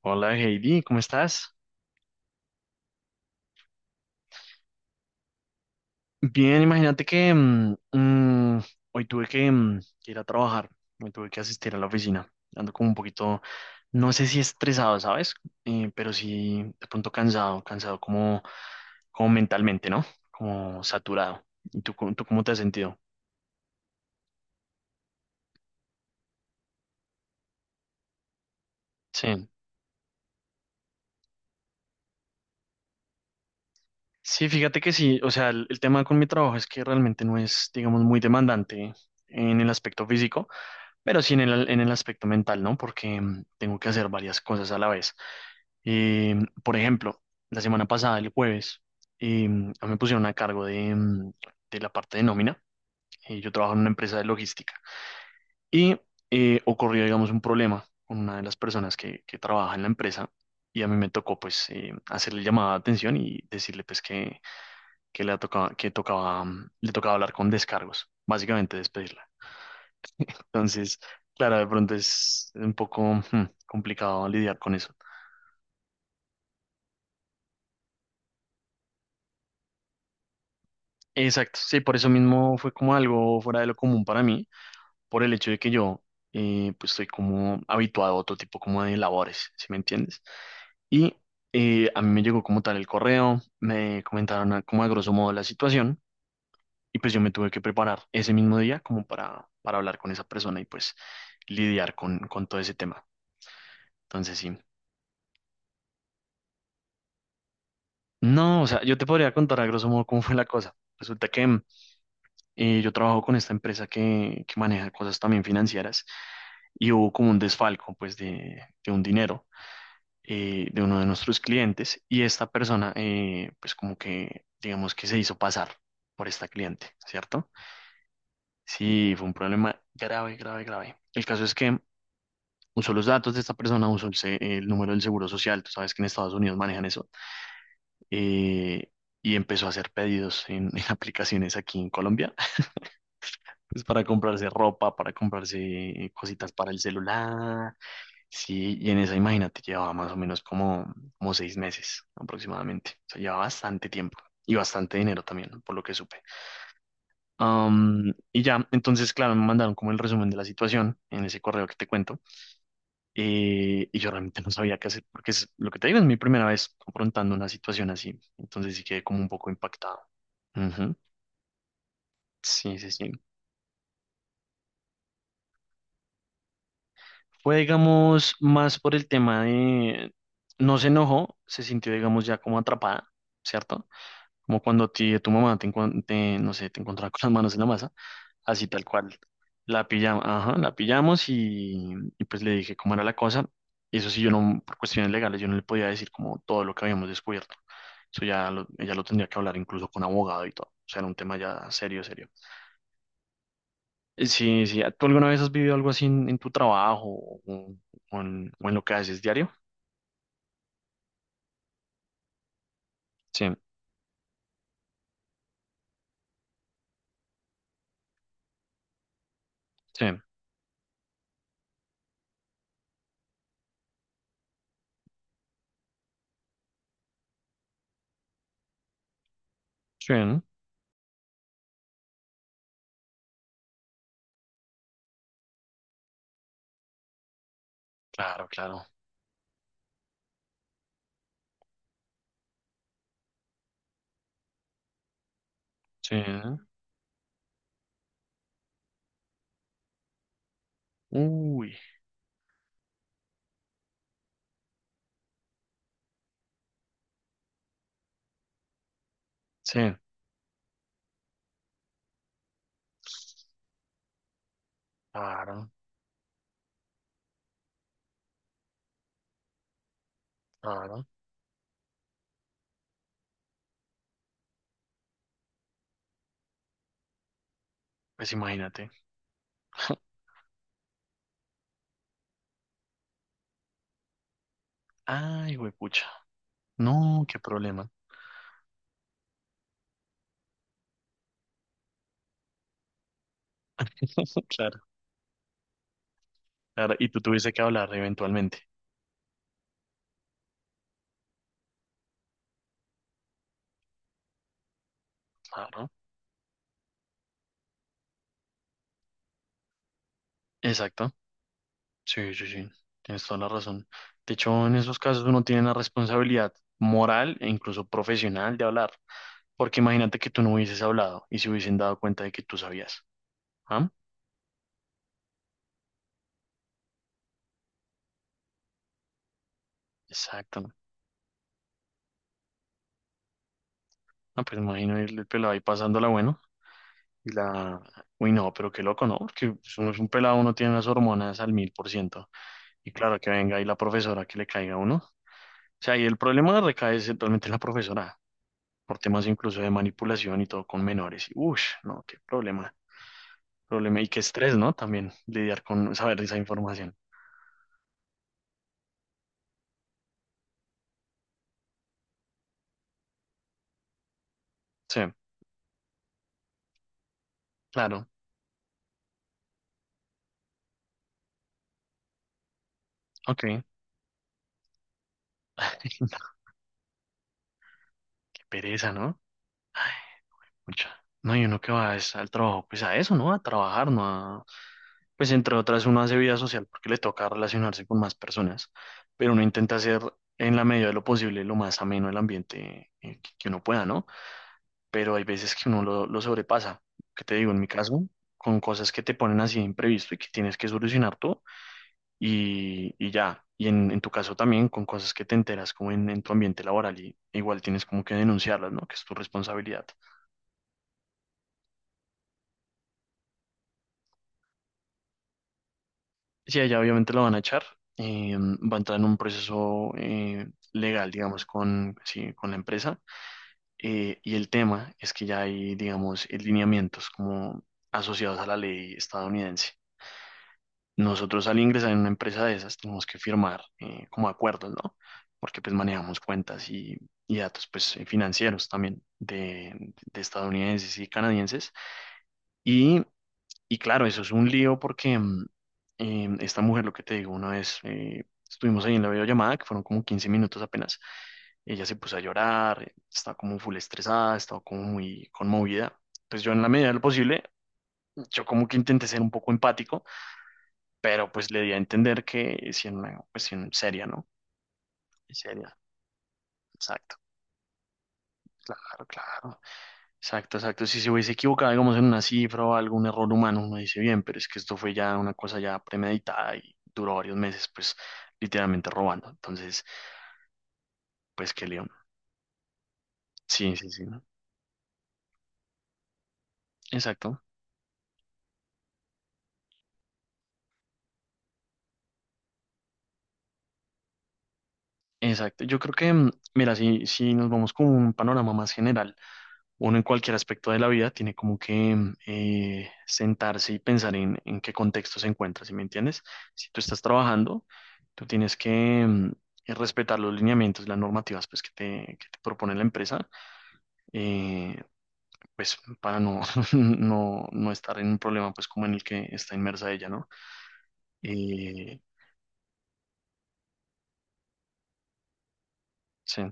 Hola Heidi, ¿cómo estás? Bien, imagínate que hoy tuve que, que ir a trabajar, hoy tuve que asistir a la oficina, ando como un poquito, no sé si estresado, ¿sabes? Pero sí de pronto cansado, cansado como, como mentalmente, ¿no? Como saturado. ¿Y tú, cómo te has sentido? Sí. Sí, fíjate que sí, o sea, el tema con mi trabajo es que realmente no es, digamos, muy demandante en el aspecto físico, pero sí en el aspecto mental, ¿no? Porque tengo que hacer varias cosas a la vez. Eh, por ejemplo, la semana pasada, el jueves, a mí me pusieron a cargo de, de la parte de nómina. Yo trabajo en una empresa de logística y ocurrió, digamos, un problema con una de las personas que trabaja en la empresa y a mí me tocó, pues, hacerle llamada de atención y decirle, pues, le tocaba, que le tocaba hablar con descargos, básicamente despedirla. Entonces, claro, de pronto es un poco complicado lidiar con eso. Exacto, sí, por eso mismo fue como algo fuera de lo común para mí, por el hecho de que yo, pues estoy como habituado a otro tipo como de labores, ¿si me entiendes? Y a mí me llegó como tal el correo, me comentaron como a grosso modo la situación y pues yo me tuve que preparar ese mismo día como para hablar con esa persona y pues lidiar con todo ese tema. Entonces sí. No, o sea, yo te podría contar a grosso modo cómo fue la cosa. Resulta que yo trabajo con esta empresa que maneja cosas también financieras y hubo como un desfalco, pues, de un dinero, de uno de nuestros clientes, y esta persona, pues, como que, digamos que se hizo pasar por esta cliente, ¿cierto? Sí, fue un problema grave, grave, grave. El caso es que usó los datos de esta persona, usó el número del seguro social, tú sabes que en Estados Unidos manejan eso, eh, y empezó a hacer pedidos en aplicaciones aquí en Colombia, pues para comprarse ropa, para comprarse cositas para el celular. Sí, y en esa, imagínate, llevaba más o menos como 6 meses aproximadamente, o sea, llevaba bastante tiempo. Y bastante dinero también, por lo que supe. Y ya, entonces, claro, me mandaron como el resumen de la situación en ese correo que te cuento. Y yo realmente no sabía qué hacer, porque es lo que te digo, es mi primera vez confrontando una situación así. Entonces sí quedé como un poco impactado. Ujú. Sí, sí, sí. Fue, digamos, más por el tema de... No se enojó, se sintió, digamos, ya como atrapada, ¿cierto? Como cuando a ti, tu mamá te, no sé, te encontraba con las manos en la masa, así tal cual. La pillamos, ajá, la pillamos, y pues le dije cómo era la cosa. Y eso sí, yo no, por cuestiones legales, yo no le podía decir como todo lo que habíamos descubierto. Eso ya lo, ella lo tendría que hablar incluso con abogado y todo. O sea, era un tema ya serio, serio. Sí sí. ¿Tú alguna vez has vivido algo así en tu trabajo o en lo que haces diario? Sí, sí, sí, ¿no? Claro, claro. Sí. Uy, sí, claro, claro. Pues imagínate. Ay, pucha. No, qué problema. Claro, claro. Y tú tuviste que hablar eventualmente. Claro. Exacto. Sí, sí, sí, tienes toda la razón. De hecho, en esos casos uno tiene la responsabilidad moral e incluso profesional de hablar, porque imagínate que tú no hubieses hablado y se hubiesen dado cuenta de que tú sabías. ¿Ah? Exacto. No, pues imagino el pelado ahí pasándola bueno y la... Uy, no, pero qué loco, ¿no? Porque pues, uno es un pelado, uno tiene las hormonas al 1000%. Y claro, que venga ahí la profesora que le caiga a uno. O sea, y el problema recae es realmente en la profesora, por temas incluso de manipulación y todo con menores. Y, uff, no, qué problema. Problema y qué estrés, ¿no? También lidiar con saber esa información. Sí, claro. Ok. Qué pereza, ¿no? Ay, mucha. No, y uno que va es al trabajo, pues a eso, ¿no? A trabajar, ¿no? A... Pues entre otras, uno hace vida social porque le toca relacionarse con más personas, pero uno intenta hacer en la medida de lo posible lo más ameno el ambiente, que uno pueda, ¿no? Pero hay veces que uno lo sobrepasa. ¿Qué te digo? En mi caso, con cosas que te ponen así de imprevisto y que tienes que solucionar tú, y ya. Y en tu caso también con cosas que te enteras como en tu ambiente laboral, y igual tienes como que denunciarlas, ¿no? Que es tu responsabilidad. Si a ella obviamente la van a echar, va a entrar en un proceso legal, digamos, con, sí, con la empresa. Y el tema es que ya hay, digamos, lineamientos como asociados a la ley estadounidense. Nosotros al ingresar en una empresa de esas tenemos que firmar, como acuerdos, ¿no? Porque pues manejamos cuentas y datos pues, financieros también de estadounidenses y canadienses. Y, y claro, eso es un lío porque esta mujer, lo que te digo, una vez, estuvimos ahí en la videollamada, que fueron como 15 minutos apenas, ella se puso a llorar, estaba como full estresada, estaba como muy conmovida. Pues yo en la medida de lo posible, yo como que intenté ser un poco empático, pero pues le di a entender que es en una cuestión seria, ¿no? Seria, exacto, claro, claro, exacto, exacto. Si se hubiese equivocado, digamos, en una cifra o algún error humano, uno dice bien, pero es que esto fue ya una cosa ya premeditada y duró varios meses, pues literalmente robando. Entonces, pues qué león. Sí, sí, sí, ¿no? Exacto, exacto. Yo creo que, mira, si nos vamos con un panorama más general, uno en cualquier aspecto de la vida tiene como que, sentarse y pensar en qué contexto se encuentra, ¿sí me entiendes? Si tú estás trabajando, tú tienes que mm, respetar los lineamientos, las normativas pues, que te propone la empresa, eh, pues para no, no, no estar en un problema pues como en el que está inmersa ella, ¿no? Eh, sí,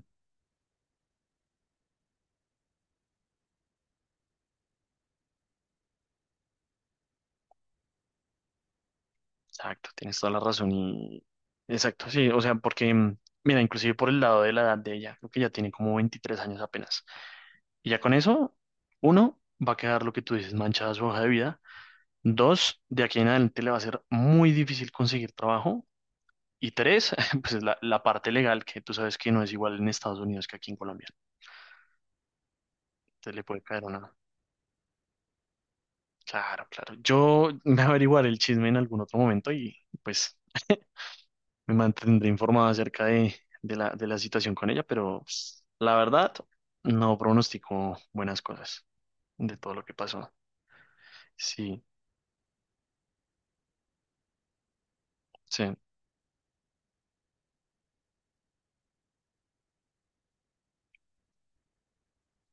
exacto, tienes toda la razón y... Exacto, sí, o sea, porque, mira, inclusive por el lado de la edad de ella, creo que ya tiene como 23 años apenas. Y ya con eso, uno, va a quedar lo que tú dices, manchada su hoja de vida. Dos, de aquí en adelante le va a ser muy difícil conseguir trabajo. Y tres, pues es la parte legal, que tú sabes que no es igual en Estados Unidos que aquí en Colombia. Entonces le puede caer una... Claro, claro. Yo me averiguaré el chisme en algún otro momento y pues me mantendré informado acerca de, de la situación con ella, pero pues, la verdad, no pronostico buenas cosas de todo lo que pasó. Sí, sí,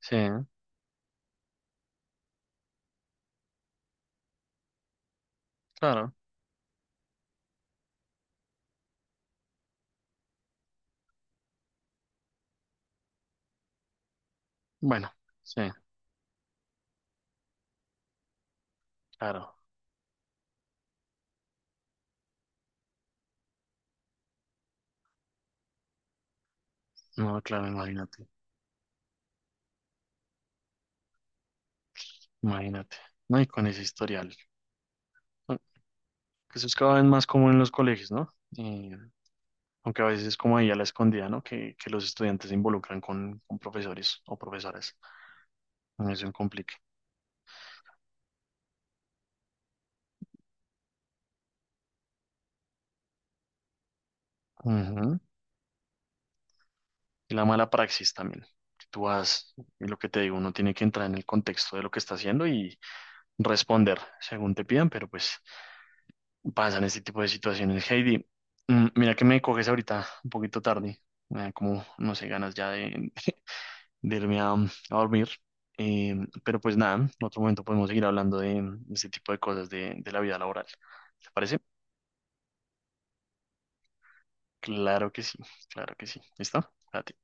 sí, claro. Bueno, sí, claro. No, claro, imagínate, imagínate. No, y con ese historial. ¿No? Que eso es cada vez más común en los colegios, ¿no? Y, aunque a veces es como ahí a la escondida, ¿no? Que los estudiantes se involucran con profesores o profesoras. No es un complique. Ujú. Y la mala praxis también. Que tú vas, y lo que te digo, uno tiene que entrar en el contexto de lo que está haciendo y responder según te pidan, pero pues pasan este tipo de situaciones. Heidi, mira que me coges ahorita un poquito tarde, me da como, no sé, ganas ya de irme a dormir. Eh, pero pues nada, en otro momento podemos seguir hablando de este tipo de cosas de la vida laboral. ¿Te parece? Claro que sí, claro que sí. ¿Listo? Cuídate.